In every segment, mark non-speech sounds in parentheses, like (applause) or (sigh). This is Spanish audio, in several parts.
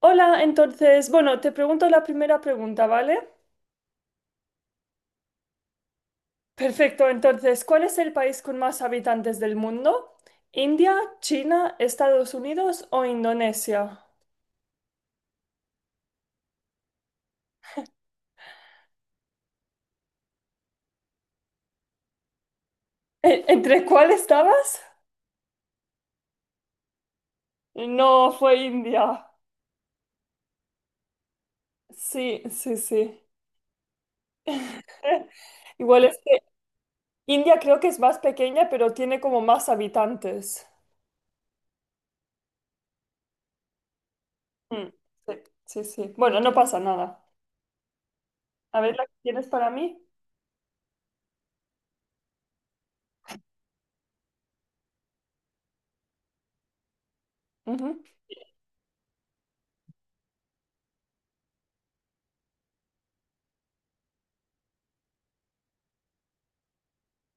Hola, entonces, bueno, te pregunto la primera pregunta, ¿vale? Perfecto, entonces, ¿cuál es el país con más habitantes del mundo? ¿India, China, Estados Unidos o Indonesia? ¿¿Entre cuál estabas? No, fue India. Sí, sí, sí. (laughs) Igual es que India creo que es más pequeña, pero tiene como más habitantes. Mm, sí, sí, sí. Bueno, no pasa nada. A ver, ¿la que tienes para mí? Ujú.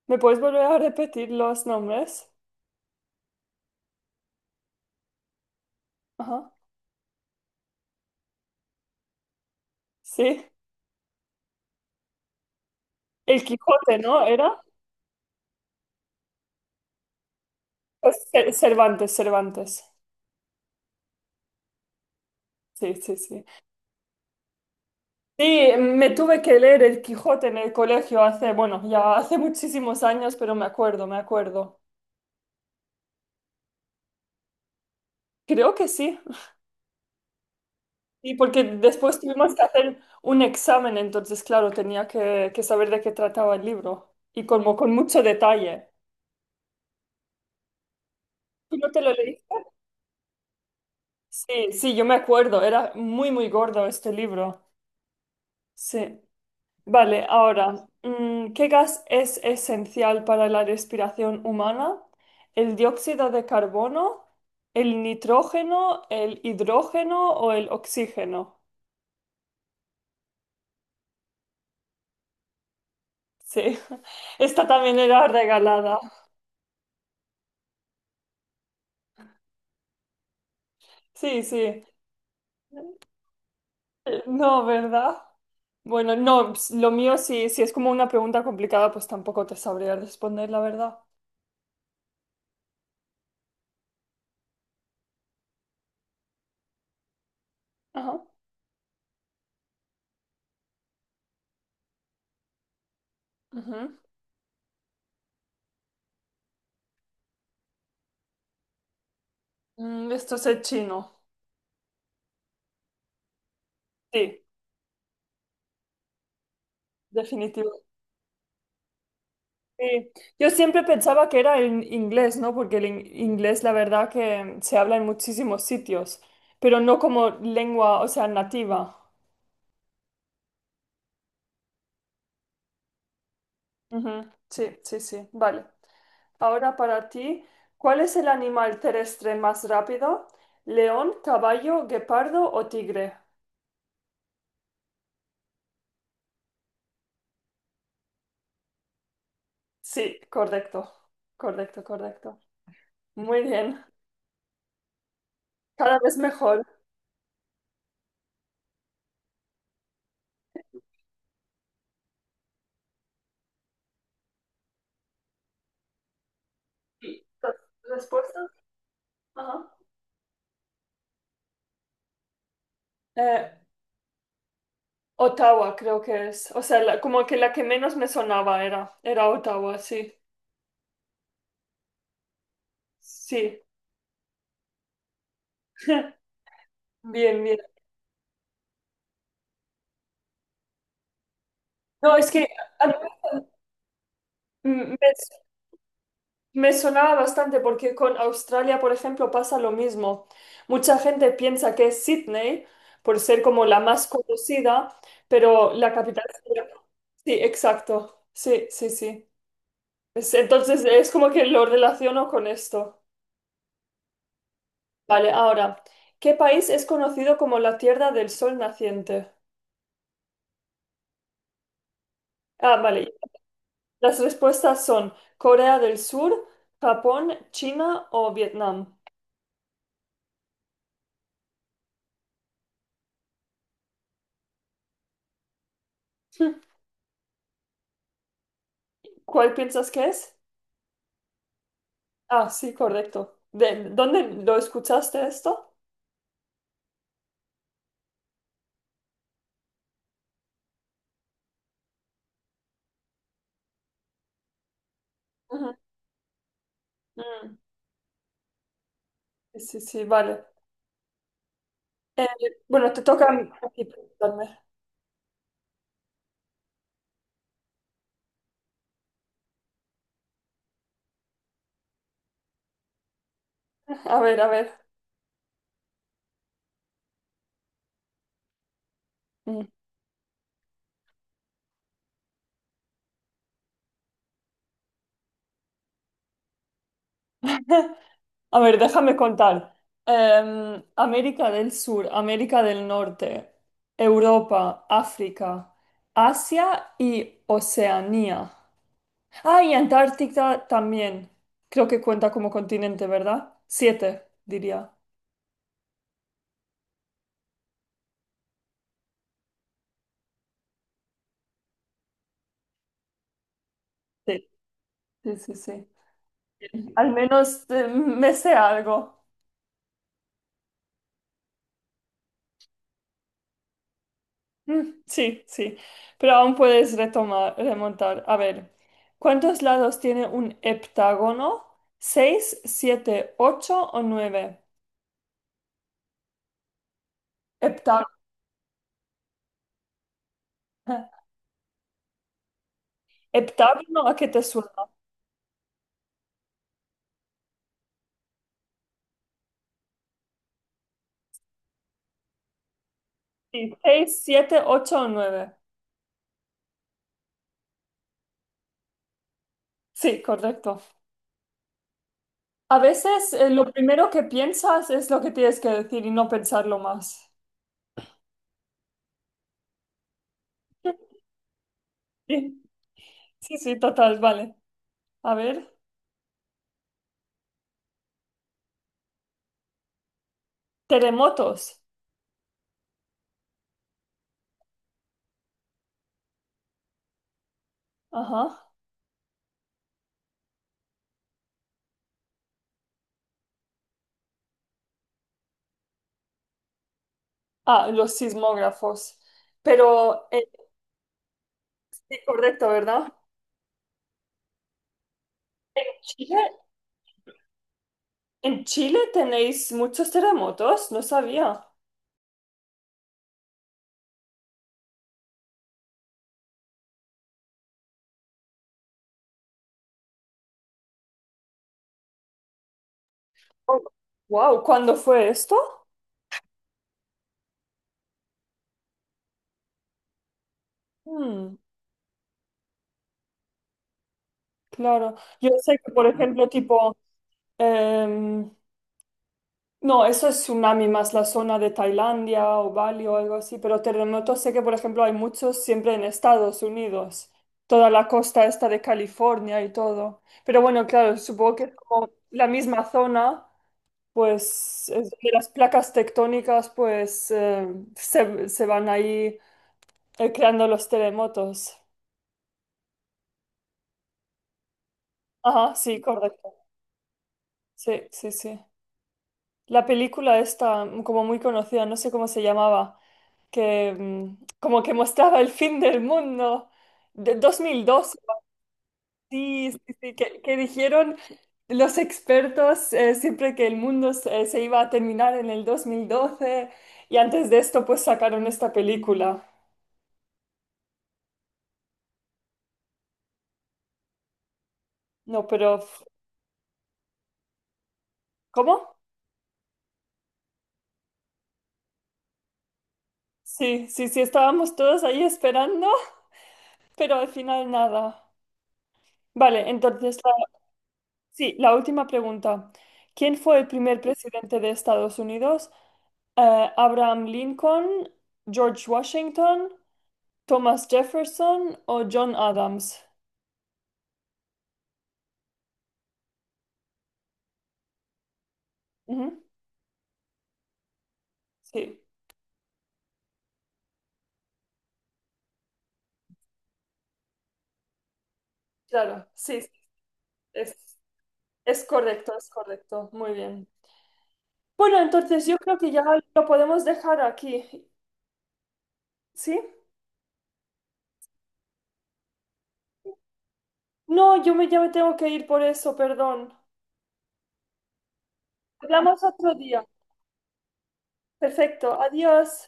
¿Me puedes volver a repetir los nombres? Ajá. Sí, el Quijote, ¿no? ¿Era? Pues, Cervantes. Sí, sí, sí. Sí, me tuve que leer el Quijote en el colegio hace, bueno, ya hace muchísimos años, pero me acuerdo, me acuerdo. Creo que sí. Sí, porque después tuvimos que hacer un examen, entonces, claro, tenía que, saber de qué trataba el libro y como con mucho detalle. ¿Tú no te lo leíste? Sí, sí, yo me acuerdo, era muy, muy gordo este libro. Sí. Vale, ahora, ¿qué gas es esencial para la respiración humana? ¿El dióxido de carbono, el nitrógeno, el hidrógeno o el oxígeno? Sí, (laughs) esta también era regalada. Sí, sí. No, ¿verdad? Bueno, no, lo mío sí, si es como una pregunta complicada, pues tampoco te sabría responder, la verdad. Ajá. Ujú. Mm, esto es el chino. Sí, definitivo. Sí. Yo siempre pensaba que era en inglés, ¿no? Porque el inglés, la verdad, que se habla en muchísimos sitios, pero no como lengua, o sea, nativa. Ujú. Sí, sí, sí, vale. Ahora para ti, ¿cuál es el animal terrestre más rápido? ¿León, caballo, guepardo o tigre? Sí, correcto, correcto, correcto. Muy bien, cada vez mejor. ¿Y las respuestas? Ajá. Eh, Ottawa, creo que es. O sea, como que la que menos me sonaba era Ottawa, sí. Sí. (laughs) Bien, bien. No, es que a mí me, me sonaba bastante porque con Australia, por ejemplo, pasa lo mismo. Mucha gente piensa que es Sydney por ser como la más conocida, pero la capital sería- Sí, exacto. Sí, sí, sí. Entonces es como que lo relaciono con esto. Vale, ahora, ¿qué país es conocido como la Tierra del Sol Naciente? Ah, vale. Las respuestas son Corea del Sur, Japón, China o Vietnam. (laughs) Hmm, ¿cuál piensas que es? Ah, sí, correcto. ¿De dónde lo escuchaste esto? Ujú. Mm, sí, sí, sí, vale. Eh, bueno, te toca a mí aquí preguntarme. A ver, a ver. Mm. A ver, déjame contar. América del Sur, América del Norte, Europa, África, Asia y Oceanía. Ah, y Antártica también. Creo que cuenta como continente, ¿verdad? Siete, diría. Sí, sí, sí, sí. Al menos me sé algo. Mm, sí, sí. Pero aún puedes retomar, remontar. A ver, ¿cuántos lados tiene un heptágono? ¿Seis, siete, ocho o nueve? Heptágono. (laughs) ¿Heptágono a qué te suena? Sí, seis, siete, ocho o nueve. Sí, correcto. A veces lo primero que piensas es lo que tienes que decir y no pensarlo más. Sí, sí, sí, total, vale. A ver, terremotos. Ajá. Ah, los sismógrafos. Pero, sí, correcto, ¿verdad? ¿En Chile? ¿En Chile tenéis muchos terremotos? No sabía. Wow, ¿cuándo fue esto? Mm, claro. Yo sé que, por ejemplo, tipo... em, No, eso es tsunami más la zona de Tailandia o Bali o algo así, pero terremotos sé que, por ejemplo, hay muchos siempre en Estados Unidos, toda la costa esta de California y todo. Pero bueno, claro, supongo que como la misma zona, pues es donde las placas tectónicas pues se van ahí creando los terremotos. Ajá, sí, correcto. Sí, sí, sí. La película esta, mm, como muy conocida, no sé cómo se llamaba, que mm, como que mostraba el fin del mundo de 2002, sí, sí, sí, que dijeron los expertos siempre que el mundo se iba a terminar en el 2012 y antes de esto pues sacaron esta película. No, pero ¿cómo? Sí, sí, sí, estábamos todos ahí esperando, (laughs) pero al final nada. Vale, entonces sí, la última pregunta. ¿Quién fue el primer presidente de Estados Unidos? ¿Abraham Lincoln, George Washington, Thomas Jefferson o John Adams? Ujú, sí, claro, sí, sí, es, es correcto, es correcto. Muy bien. Bueno, entonces yo creo que ya lo podemos dejar aquí, ¿sí? No, ya me tengo que ir por eso, perdón. Hablamos otro día. Perfecto, adiós.